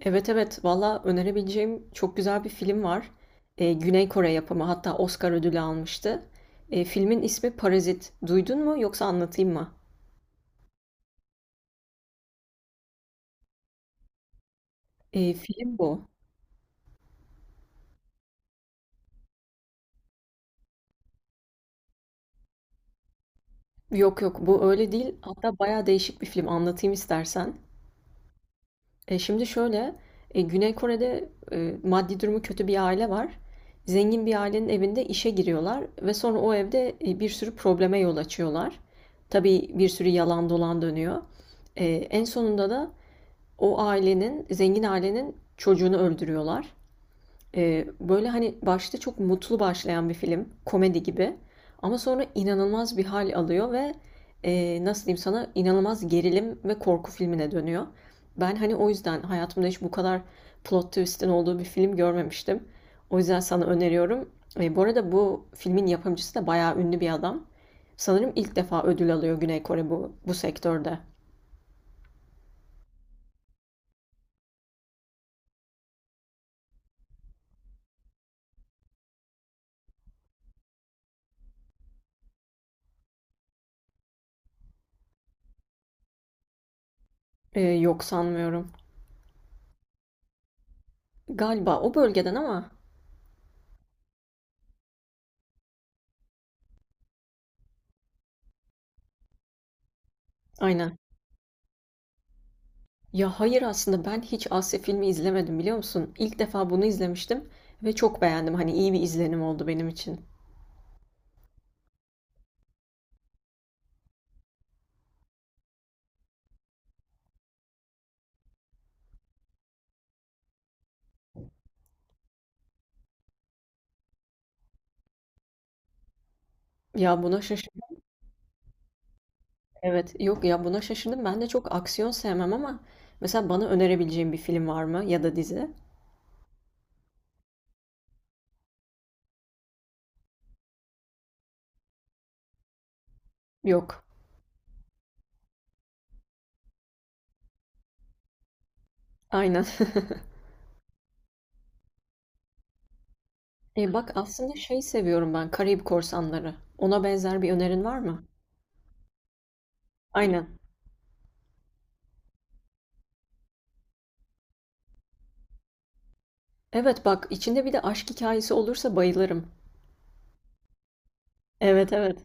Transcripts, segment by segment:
Evet evet, valla önerebileceğim çok güzel bir film var. Güney Kore yapımı, hatta Oscar ödülü almıştı. Filmin ismi Parazit. Duydun mu, yoksa anlatayım mı? Film bu. Yok yok, bu öyle değil. Hatta bayağı değişik bir film, anlatayım istersen. Şimdi şöyle, Güney Kore'de maddi durumu kötü bir aile var. Zengin bir ailenin evinde işe giriyorlar ve sonra o evde bir sürü probleme yol açıyorlar. Tabii bir sürü yalan dolan dönüyor. En sonunda da o ailenin, zengin ailenin çocuğunu öldürüyorlar. Böyle hani başta çok mutlu başlayan bir film, komedi gibi. Ama sonra inanılmaz bir hal alıyor ve nasıl diyeyim sana, inanılmaz gerilim ve korku filmine dönüyor. Ben hani o yüzden hayatımda hiç bu kadar plot twist'in olduğu bir film görmemiştim. O yüzden sana öneriyorum. Bu arada bu filmin yapımcısı da bayağı ünlü bir adam. Sanırım ilk defa ödül alıyor Güney Kore bu sektörde. Yok, sanmıyorum. Galiba o bölgeden ama. Aynen. Ya hayır, aslında ben hiç Asya filmi izlemedim, biliyor musun? İlk defa bunu izlemiştim ve çok beğendim. Hani iyi bir izlenim oldu benim için. Ya buna şaşırdım. Evet. Yok ya, buna şaşırdım. Ben de çok aksiyon sevmem ama mesela bana önerebileceğin bir film var mı ya da dizi? Yok. Aynen. E bak, aslında şey seviyorum ben, Karayip Korsanları. Ona benzer bir önerin var mı? Aynen. Evet bak, içinde bir de aşk hikayesi olursa bayılırım. Evet evet.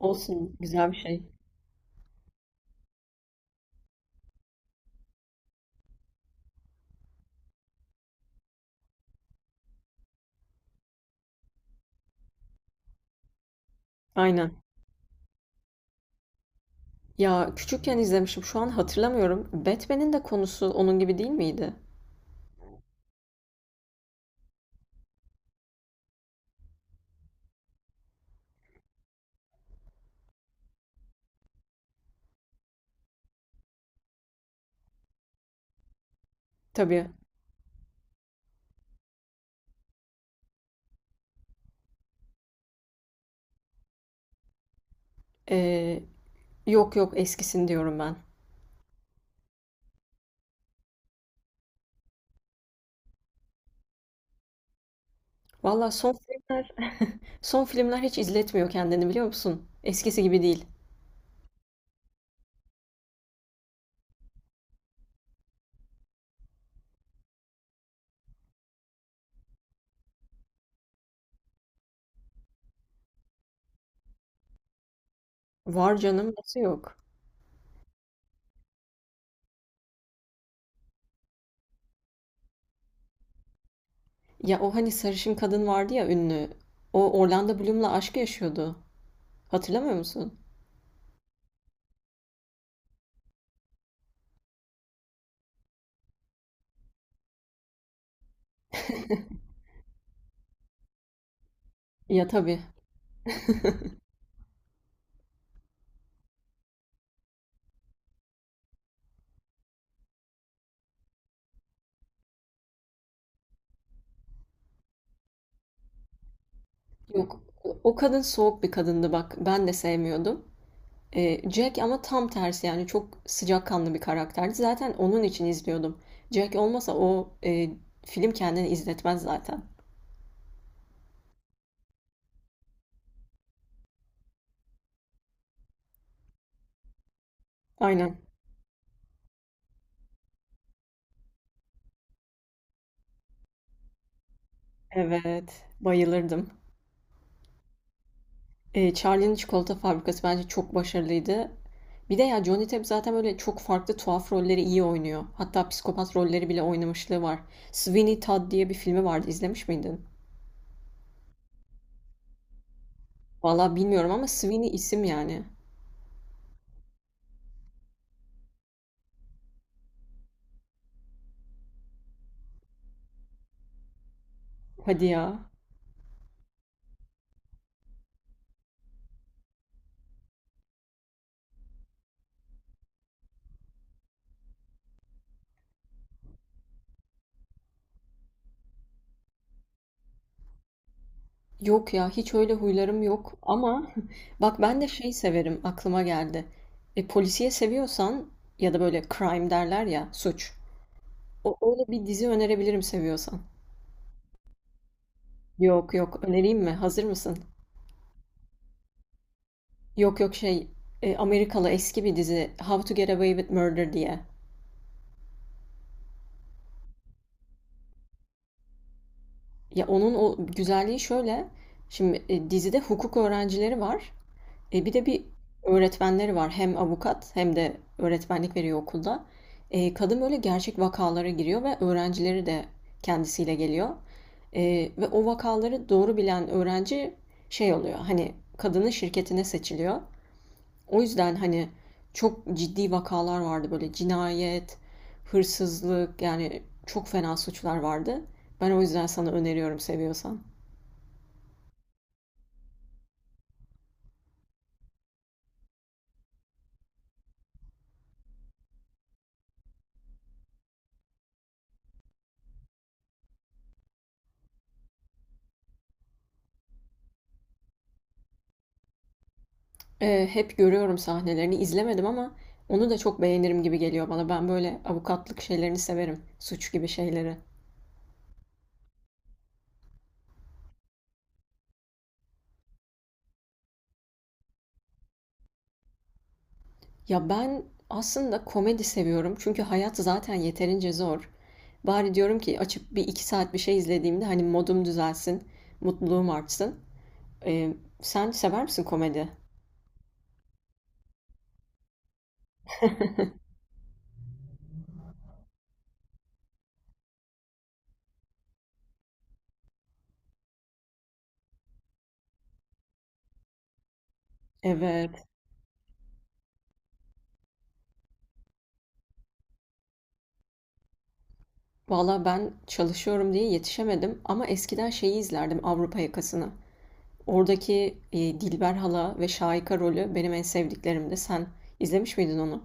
Olsun, güzel bir şey. Aynen. Ya küçükken izlemişim, şu an hatırlamıyorum. Batman'in de konusu onun gibi değil miydi? Tabii. Ee, Yok yok, eskisini diyorum ben. Valla son filmler, son filmler hiç izletmiyor kendini, biliyor musun? Eskisi gibi değil. Var canım, nasıl yok? Ya o hani sarışın kadın vardı ya, ünlü. O Orlando Bloom'la aşk yaşıyordu. Hatırlamıyor musun? Ya tabii. Yok. O kadın soğuk bir kadındı bak. Ben de sevmiyordum. Jack ama tam tersi, yani çok sıcakkanlı bir karakterdi. Zaten onun için izliyordum. Jack olmasa o film kendini izletmez zaten. Aynen. Evet. Bayılırdım. Charlie'nin Çikolata Fabrikası bence çok başarılıydı. Bir de ya Johnny Depp zaten böyle çok farklı, tuhaf rolleri iyi oynuyor. Hatta psikopat rolleri bile oynamışlığı var. Sweeney Todd diye bir filmi vardı. İzlemiş miydin? Valla bilmiyorum ama Sweeney isim yani. Hadi ya. Yok ya, hiç öyle huylarım yok ama bak, ben de şey severim, aklıma geldi. Polisiye seviyorsan ya da böyle crime derler ya, suç. O, öyle bir dizi önerebilirim seviyorsan. Yok yok, önereyim mi? Hazır mısın? Yok yok şey, Amerikalı eski bir dizi, How to Get Away with Murder diye. Ya onun o güzelliği şöyle. Şimdi dizide hukuk öğrencileri var. Bir de bir öğretmenleri var. Hem avukat hem de öğretmenlik veriyor okulda. Kadın böyle gerçek vakalara giriyor ve öğrencileri de kendisiyle geliyor. Ve o vakaları doğru bilen öğrenci şey oluyor, hani kadının şirketine seçiliyor. O yüzden hani çok ciddi vakalar vardı böyle, cinayet, hırsızlık, yani çok fena suçlar vardı. Ben o yüzden sana öneriyorum seviyorsan. Hep görüyorum sahnelerini, izlemedim ama onu da çok beğenirim gibi geliyor bana. Ben böyle avukatlık şeylerini severim. Suç gibi şeyleri. Ya ben aslında komedi seviyorum. Çünkü hayat zaten yeterince zor. Bari diyorum ki, açıp bir iki saat bir şey izlediğimde hani modum düzelsin, mutluluğum artsın. Eee, Sen sever misin komedi? Evet. Valla ben çalışıyorum diye yetişemedim ama eskiden şeyi izlerdim, Avrupa Yakası'nı. Oradaki Dilber hala ve Şahika rolü benim en sevdiklerimdi. Sen izlemiş miydin onu?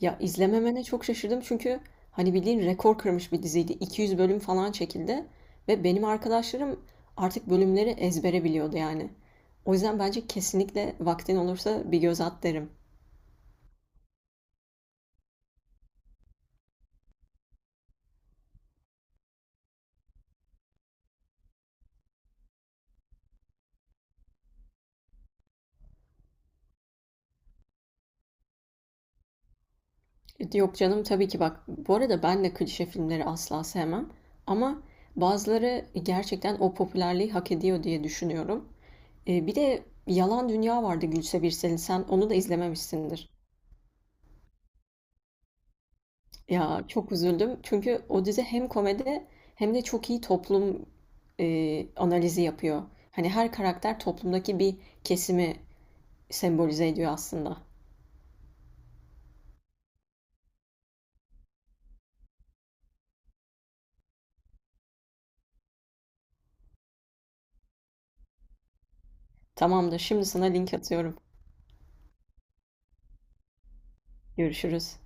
Ya, izlememene çok şaşırdım çünkü hani, bildiğin rekor kırmış bir diziydi. 200 bölüm falan çekildi ve benim arkadaşlarım artık bölümleri ezbere biliyordu yani. O yüzden bence kesinlikle vaktin olursa bir göz at derim. Yok canım, tabii ki bak, bu arada ben de klişe filmleri asla sevmem ama bazıları gerçekten o popülerliği hak ediyor diye düşünüyorum. Bir de Yalan Dünya vardı, Gülse Birsel'in. Sen onu da izlememişsindir. Ya çok üzüldüm. Çünkü o dizi hem komedi hem de çok iyi toplum analizi yapıyor. Hani her karakter toplumdaki bir kesimi sembolize ediyor aslında. Tamamdır, şimdi sana link atıyorum. Görüşürüz.